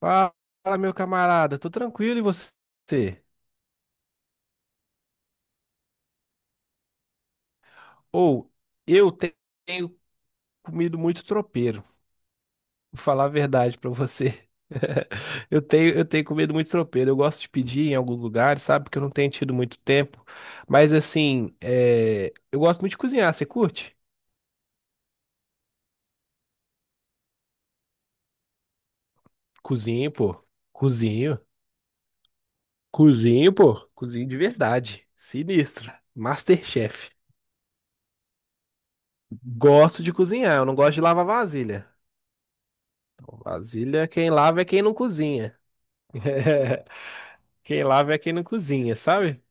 Fala, meu camarada, tô tranquilo e você? Ou eu te- tenho comido muito tropeiro, vou falar a verdade pra você. Eu tenho comido muito tropeiro. Eu gosto de pedir em alguns lugares, sabe? Porque eu não tenho tido muito tempo. Mas assim, é, eu gosto muito de cozinhar. Você curte? Cozinho, pô. Cozinho. Cozinho, pô. Cozinho de verdade. Sinistro. Masterchef. Gosto de cozinhar. Eu não gosto de lavar vasilha. Vasilha, quem lava é quem não cozinha. Quem lava é quem não cozinha, sabe?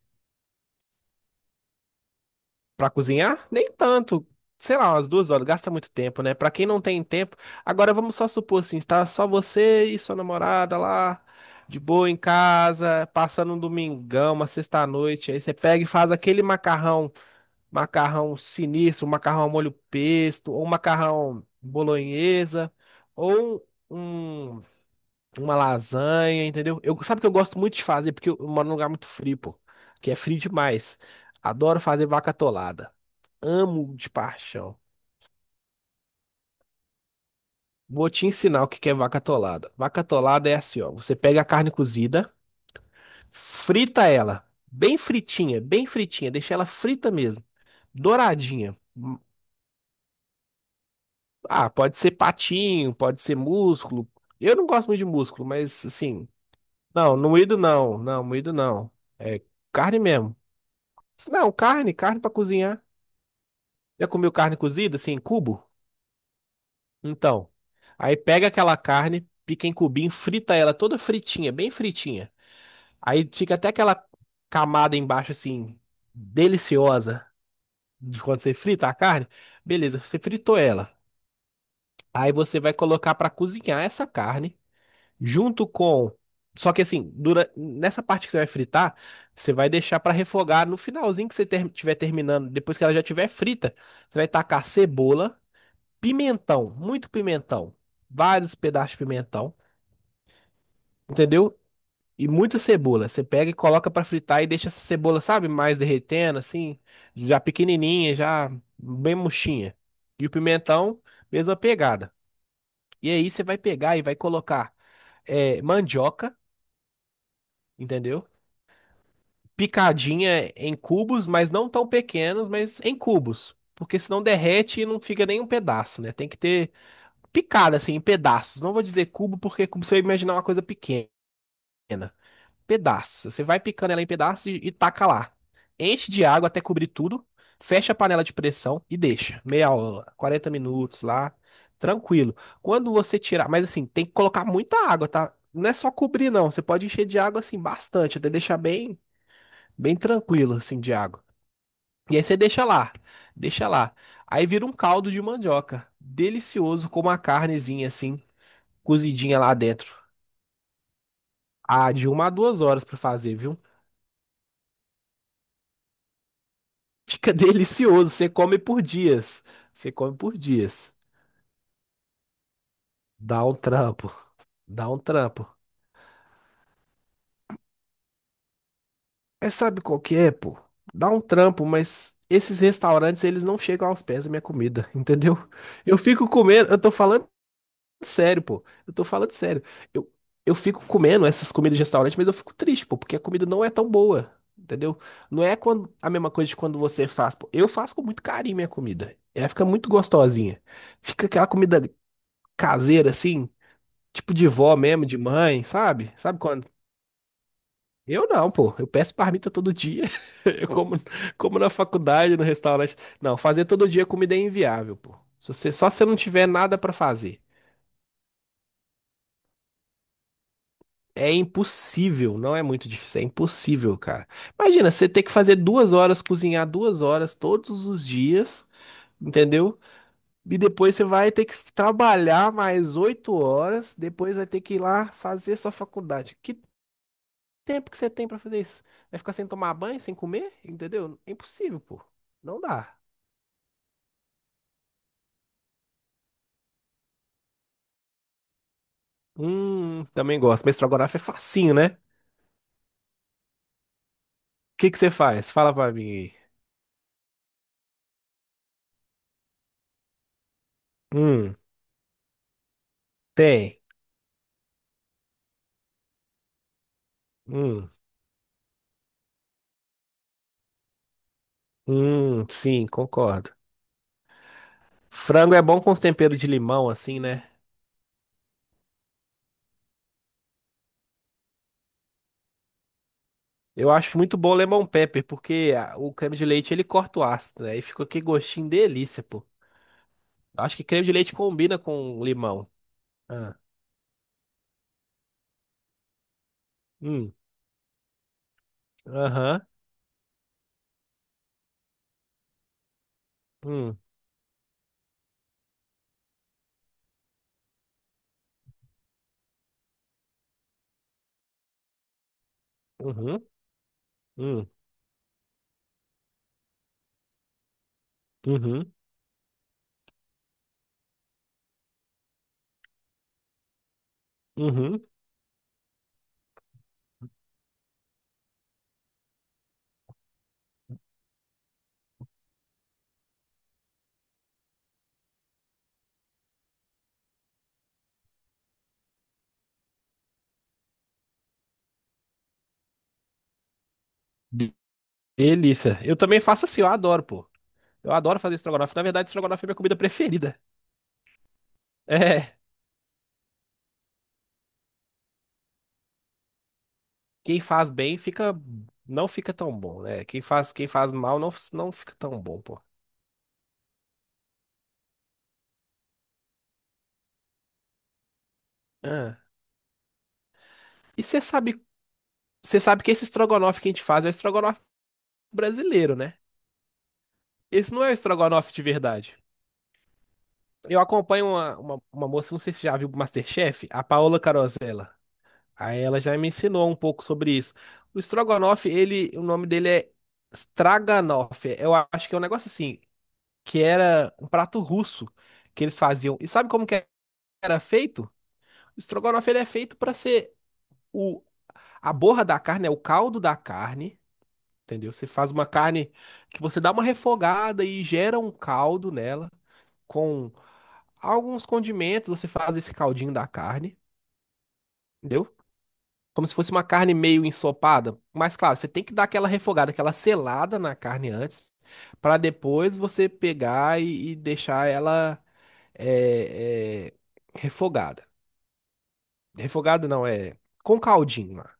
Pra cozinhar, nem tanto. Sei lá, umas duas horas, gasta muito tempo, né? Pra quem não tem tempo. Agora vamos só supor assim, está só você e sua namorada lá, de boa em casa, passando um domingão, uma sexta-noite. Aí você pega e faz aquele macarrão, macarrão sinistro, macarrão ao molho pesto, ou macarrão bolonhesa, ou uma lasanha, entendeu? Eu, sabe que eu gosto muito de fazer, porque eu moro num lugar muito frio, pô. Que é frio demais. Adoro fazer vaca atolada. Amo de paixão. Vou te ensinar o que que é vaca atolada. Vaca atolada é assim, ó. Você pega a carne cozida, frita ela. Bem fritinha, bem fritinha. Deixa ela frita mesmo. Douradinha. Hum. Ah, pode ser patinho, pode ser músculo. Eu não gosto muito de músculo, mas assim. Não, no moído não. Não, moído não. É carne mesmo. Não, carne, carne pra cozinhar. Já comeu carne cozida, assim, em cubo? Então. Aí pega aquela carne, pica em cubinho, frita ela toda fritinha, bem fritinha. Aí fica até aquela camada embaixo, assim, deliciosa de quando você frita a carne. Beleza, você fritou ela. Aí você vai colocar pra cozinhar essa carne junto com. Só que assim, nessa parte que você vai fritar, você vai deixar pra refogar no finalzinho que você tiver terminando, depois que ela já tiver frita, você vai tacar cebola. Pimentão, muito pimentão, vários pedaços de pimentão, entendeu? E muita cebola. Você pega e coloca pra fritar e deixa essa cebola, sabe, mais derretendo, assim, já pequenininha, já bem murchinha. E o pimentão, mesma pegada. E aí você vai pegar e vai colocar é, mandioca, entendeu? Picadinha em cubos, mas não tão pequenos, mas em cubos. Porque senão derrete e não fica nem um pedaço, né? Tem que ter picada assim, em pedaços. Não vou dizer cubo, porque é como se eu imaginar uma coisa pequena. pequena. Pedaços. Você vai picando ela em pedaços e taca lá. Enche de água até cobrir tudo. Fecha a panela de pressão e deixa. Meia hora, 40 minutos lá. Tranquilo. Quando você tirar. Mas assim, tem que colocar muita água, tá? Não é só cobrir, não. Você pode encher de água assim, bastante. Até deixar bem, bem tranquilo, assim, de água. E aí você deixa lá. Deixa lá. Aí vira um caldo de mandioca. Delicioso, com uma carnezinha assim, cozidinha lá dentro. Ah, de uma a duas horas pra fazer, viu? Fica delicioso, você come por dias. Você come por dias. Dá um trampo, dá um trampo. É, sabe qual que é, pô? Dá um trampo, mas esses restaurantes, eles não chegam aos pés da minha comida, entendeu? Eu fico comendo, eu tô falando sério, pô. Eu tô falando sério. Eu, eu fico comendo essas comidas de restaurante, mas eu fico triste, pô, porque a comida não é tão boa, entendeu? Não é quando, a mesma coisa de quando você faz, pô. Eu faço com muito carinho minha comida. Ela fica muito gostosinha. Fica aquela comida caseira, assim. Tipo de vó mesmo, de mãe, sabe? Sabe quando? Eu não, pô. Eu peço marmita todo dia. Eu como, como na faculdade, no restaurante. Não, fazer todo dia comida é inviável, pô. Se você, só se você não tiver nada pra fazer. É impossível, não é muito difícil, é impossível, cara. Imagina, você ter que fazer duas horas, cozinhar duas horas todos os dias, entendeu? E depois você vai ter que trabalhar mais oito horas, depois vai ter que ir lá fazer sua faculdade. Que tempo que você tem pra fazer isso? Vai ficar sem tomar banho, sem comer? Entendeu? É impossível, pô. Não dá. Também gosto. Mas estrogonofe é facinho, né? O que que você faz? Fala pra mim aí. Hum, tem. Hum, sim, concordo. Frango é bom com os temperos de limão, assim, né? Eu acho muito bom o lemon pepper, porque o creme de leite ele corta o ácido, né? Aí fica aquele gostinho delícia, pô. Eu acho que creme de leite combina com limão. Ah, hum, aham, hum, uhum, hum, uhum, uhum. De- Delícia. Eu também faço assim, eu adoro, pô. Eu adoro fazer estrogonofe. Na verdade, estrogonofe é minha comida preferida. É, quem faz bem fica, não fica tão bom, né? Quem faz mal não, não fica tão bom, pô. Ah. E você sabe que esse estrogonofe que a gente faz é o estrogonofe brasileiro, né? Esse não é o estrogonofe de verdade. Eu acompanho uma moça, não sei se você já viu o MasterChef, a Paola Carosella. Aí ela já me ensinou um pouco sobre isso. O estrogonofe, ele, o nome dele é Straganoff. Eu acho que é um negócio assim, que era um prato russo que eles faziam. E sabe como que era feito? O estrogonofe ele é feito para ser o a borra da carne, é o caldo da carne, entendeu? Você faz uma carne que você dá uma refogada e gera um caldo nela com alguns condimentos, você faz esse caldinho da carne. Entendeu? Como se fosse uma carne meio ensopada. Mas claro, você tem que dar aquela refogada, aquela selada na carne antes, para depois você pegar e deixar ela é, é, refogada. Refogada não, é com caldinho lá.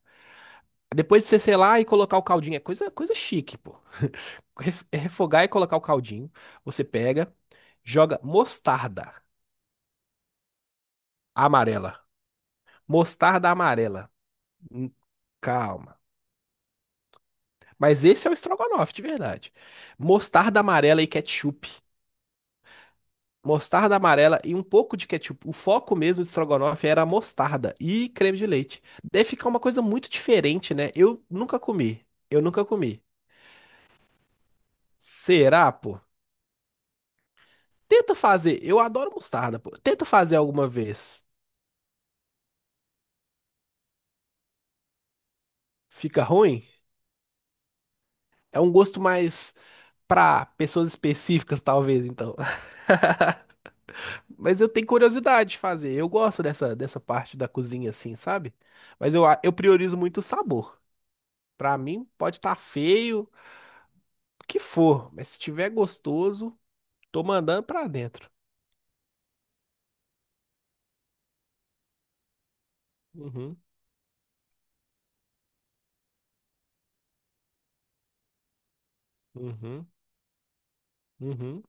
Depois de você selar e colocar o caldinho, é coisa, coisa chique, pô. Refogar e colocar o caldinho, você pega, joga mostarda amarela. Mostarda amarela. Hum. Calma. Mas esse é o estrogonofe de verdade. Mostarda amarela e ketchup. Mostarda amarela e um pouco de ketchup. O foco mesmo do estrogonofe era a mostarda e creme de leite. Deve ficar uma coisa muito diferente, né? Eu nunca comi. Eu nunca comi. Será, pô? Tenta fazer. Eu adoro mostarda, pô. Tenta fazer alguma vez. Fica ruim? É um gosto mais pra pessoas específicas, talvez, então. Mas eu tenho curiosidade de fazer. Eu gosto dessa, dessa parte da cozinha assim, sabe? Mas eu, eu priorizo muito o sabor. Pra mim, pode estar feio, o que for, mas se tiver gostoso, tô mandando pra dentro. Uhum, uhum, uhum.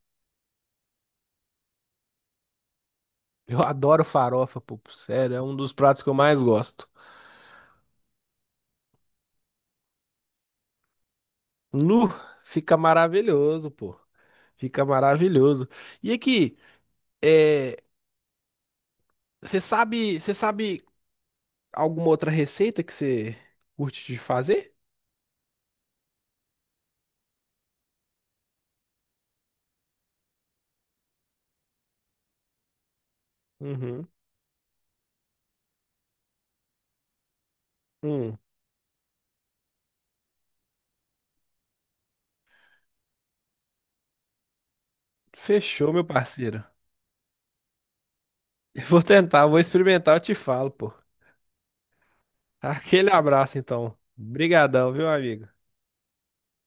Eu adoro farofa, pô. Sério, é um dos pratos que eu mais gosto. Nu, fica maravilhoso, pô. Fica maravilhoso. E aqui, é, você sabe alguma outra receita que você curte de fazer? Uhum. Hum. Fechou, meu parceiro. Eu vou tentar, vou experimentar, eu te falo, pô. Aquele abraço, então. Brigadão viu, amigo?